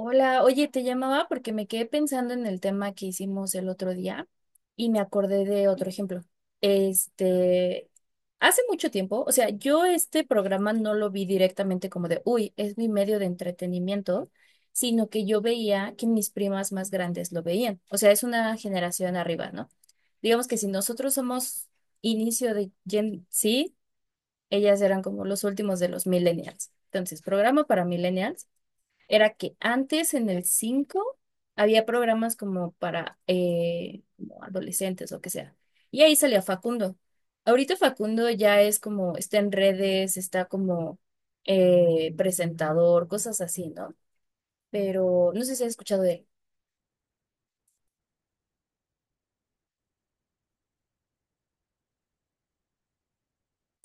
Hola, oye, te llamaba porque me quedé pensando en el tema que hicimos el otro día y me acordé de otro ejemplo. Este, hace mucho tiempo, o sea, yo este programa no lo vi directamente como de, uy, es mi medio de entretenimiento, sino que yo veía que mis primas más grandes lo veían. O sea, es una generación arriba, ¿no? Digamos que si nosotros somos inicio de Gen Z, ellas eran como los últimos de los millennials. Entonces, programa para millennials era que antes en el 5 había programas como para como adolescentes o que sea. Y ahí salía Facundo. Ahorita Facundo ya es como, está en redes, está como presentador, cosas así, ¿no? Pero no sé si has escuchado de él.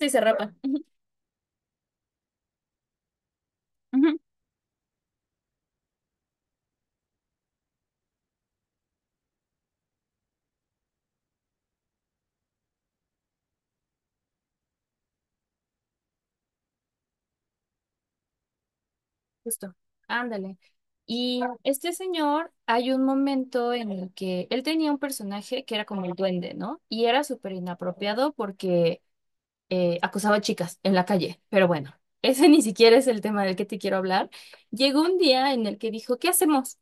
Sí, se rapa. Ujú. Justo, ándale. Y este señor, hay un momento en el que él tenía un personaje que era como el duende, ¿no? Y era súper inapropiado porque acosaba a chicas en la calle, pero bueno, ese ni siquiera es el tema del que te quiero hablar. Llegó un día en el que dijo, ¿qué hacemos?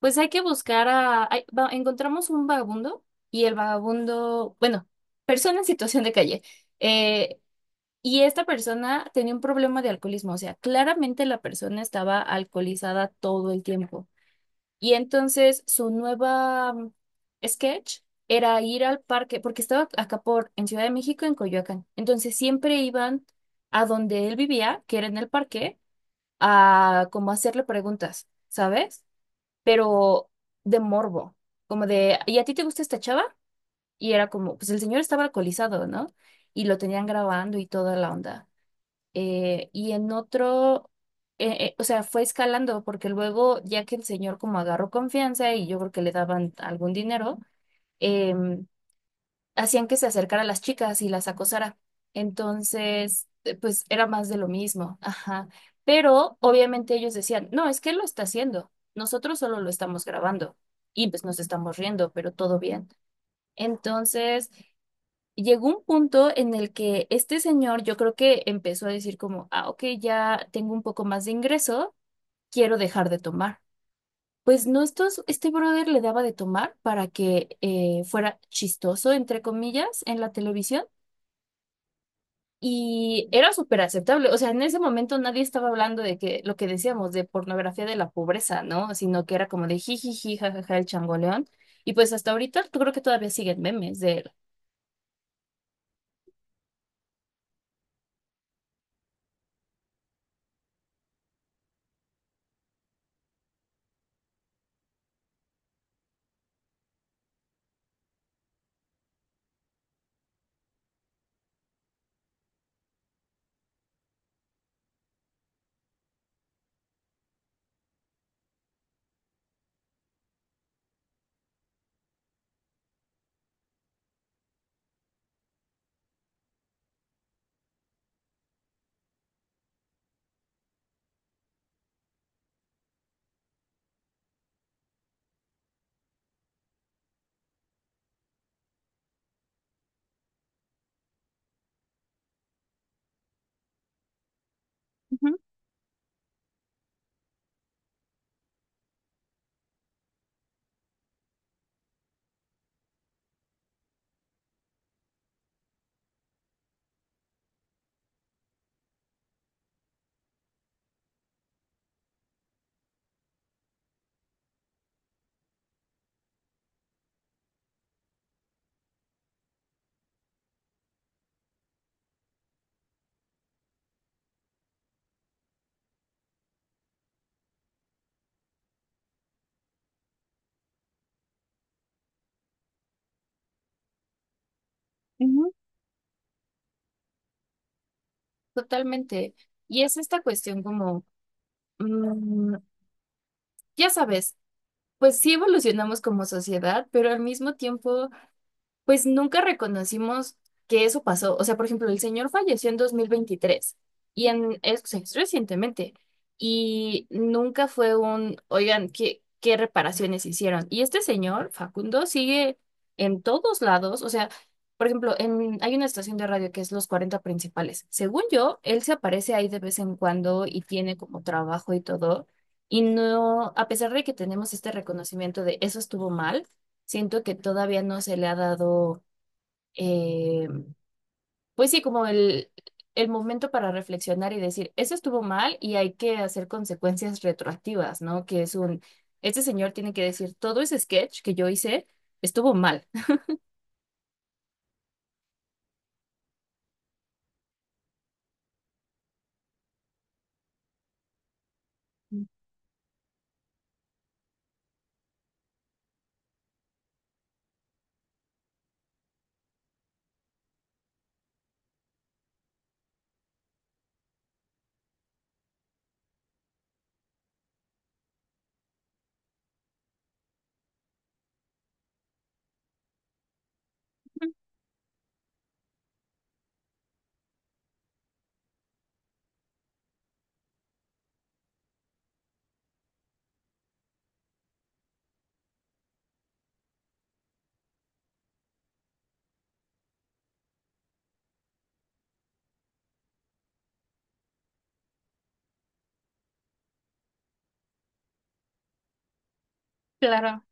Pues hay que buscar a... encontramos un vagabundo y el vagabundo, bueno, persona en situación de calle. eh, y esta persona tenía un problema de alcoholismo, o sea, claramente la persona estaba alcoholizada todo el tiempo. Y entonces su nueva sketch era ir al parque, porque estaba acá por, en Ciudad de México, en Coyoacán. Entonces siempre iban a donde él vivía, que era en el parque, a como hacerle preguntas, ¿sabes? Pero de morbo, como de, ¿y a ti te gusta esta chava? Y era como, pues el señor estaba alcoholizado, ¿no? Y lo tenían grabando y toda la onda y o sea, fue escalando porque luego, ya que el señor como agarró confianza y yo creo que le daban algún dinero, em, hacían que se acercara a las chicas y las acosara. Entonces, pues era más de lo mismo, ajá. Pero obviamente ellos decían, no, es que él lo está haciendo, nosotros solo lo estamos grabando y pues nos estamos riendo, pero todo bien. Entonces, llegó un punto en el que este señor yo creo que empezó a decir como, ah, ok, ya tengo un poco más de ingreso, quiero dejar de tomar. Pues no, este brother le daba de tomar para que fuera chistoso, entre comillas, en la televisión y era súper aceptable. O sea, en ese momento nadie estaba hablando de que lo que decíamos de pornografía de la pobreza, ¿no? Sino que era como de jijiji, jajaja, el changoleón. Y pues hasta ahorita yo creo que todavía siguen memes de él. Ujú, ujú. Totalmente. Y es esta cuestión como, mm, ya sabes, pues sí evolucionamos como sociedad, pero al mismo tiempo... Pues nunca reconocimos que eso pasó. O sea, por ejemplo, el señor falleció en 2023 o sea, es recientemente y nunca fue un, oigan, ¿qué, qué reparaciones hicieron? Y este señor, Facundo, sigue en todos lados. O sea, por ejemplo, hay una estación de radio que es Los 40 Principales. Según yo, él se aparece ahí de vez en cuando y tiene como trabajo y todo. Y no, a pesar de que tenemos este reconocimiento de eso estuvo mal. Siento que todavía no se le ha dado, eh, pues sí, el momento para reflexionar y decir, eso estuvo mal y hay que hacer consecuencias retroactivas, ¿no? Este señor tiene que decir, todo ese sketch que yo hice estuvo mal. Claro.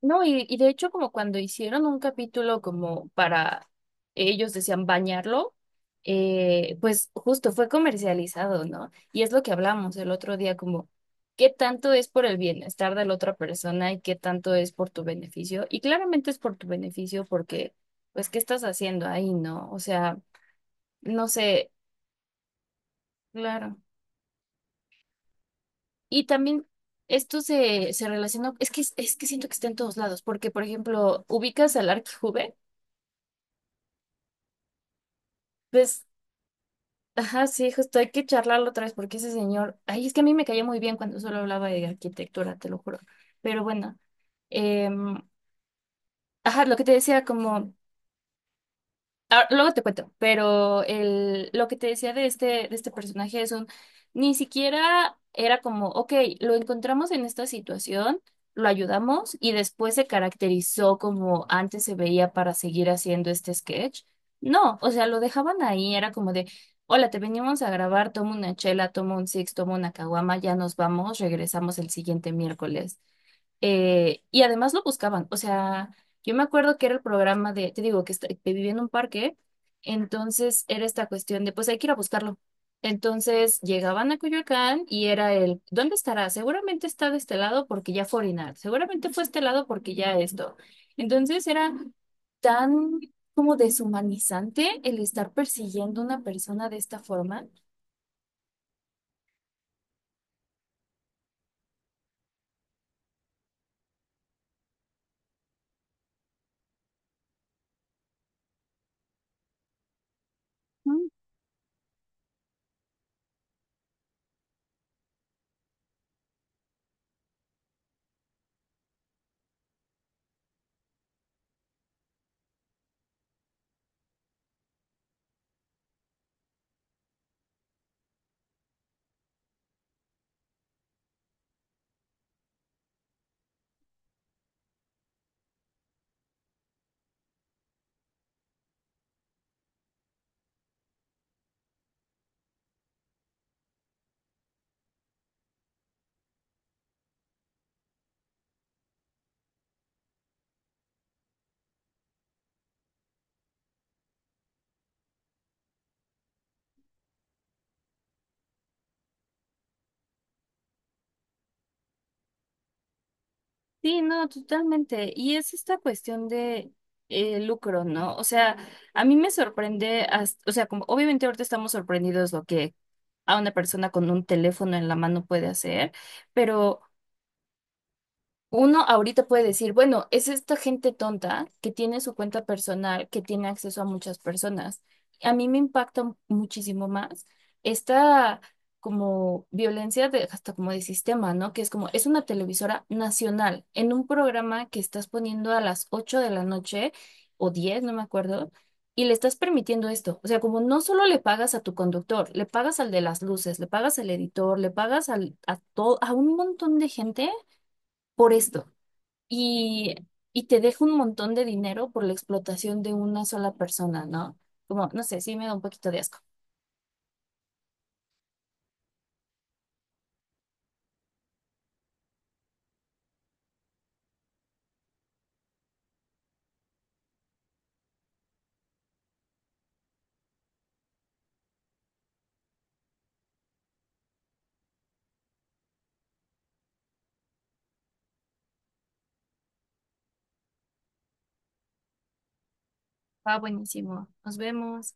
No, y de hecho como cuando hicieron un capítulo como para, ellos decían bañarlo, pues justo fue comercializado, ¿no? Y es lo que hablamos el otro día, como qué tanto es por el bienestar de la otra persona y qué tanto es por tu beneficio. Y claramente es por tu beneficio porque, pues, ¿qué estás haciendo ahí, no? O sea, no sé, claro. Y también se relacionó es que siento que está en todos lados, porque, por ejemplo, ubicas al Arquijube, pues ajá, sí, justo hay que charlarlo otra vez porque ese señor, ay, es que a mí me caía muy bien cuando solo hablaba de arquitectura, te lo juro. Pero bueno, em, ajá, lo que te decía, como ah, luego te cuento, pero lo que te decía de de este personaje ni siquiera era como, ok, lo encontramos en esta situación, lo ayudamos y después se caracterizó como antes se veía para seguir haciendo este sketch. No, o sea, lo dejaban ahí, era como de, hola, te venimos a grabar, toma una chela, toma un six, toma una caguama, ya nos vamos, regresamos el siguiente miércoles. Y además lo buscaban, o sea, yo me acuerdo que era el programa de, te digo, que vivía en un parque, entonces era esta cuestión de, pues hay que ir a buscarlo. Entonces llegaban a Coyoacán y era el, ¿dónde estará? Seguramente está de este lado porque ya fue a orinar, seguramente fue a este lado porque ya esto. Entonces era tan como deshumanizante el estar persiguiendo a una persona de esta forma. Sí, no, totalmente. Y es esta cuestión de lucro, ¿no? O sea, a mí me sorprende, hasta- o sea, como obviamente ahorita estamos sorprendidos lo que a una persona con un teléfono en la mano puede hacer, pero uno ahorita puede decir, bueno, es esta gente tonta que tiene su cuenta personal, que tiene acceso a muchas personas. A mí me impacta muchísimo más esta como violencia de, hasta como de sistema, ¿no? Que es como, es una televisora nacional en un programa que estás poniendo a las 8 de la noche o 10 no me acuerdo, y le estás permitiendo esto. O sea, como no solo le pagas a tu conductor, le pagas al de las luces, le pagas al editor, le pagas a un montón de gente por esto y, y te deja un montón de dinero por la explotación de una sola persona, ¿no? Como, no sé, sí me da un poquito de asco. Va buenísimo. Nos vemos.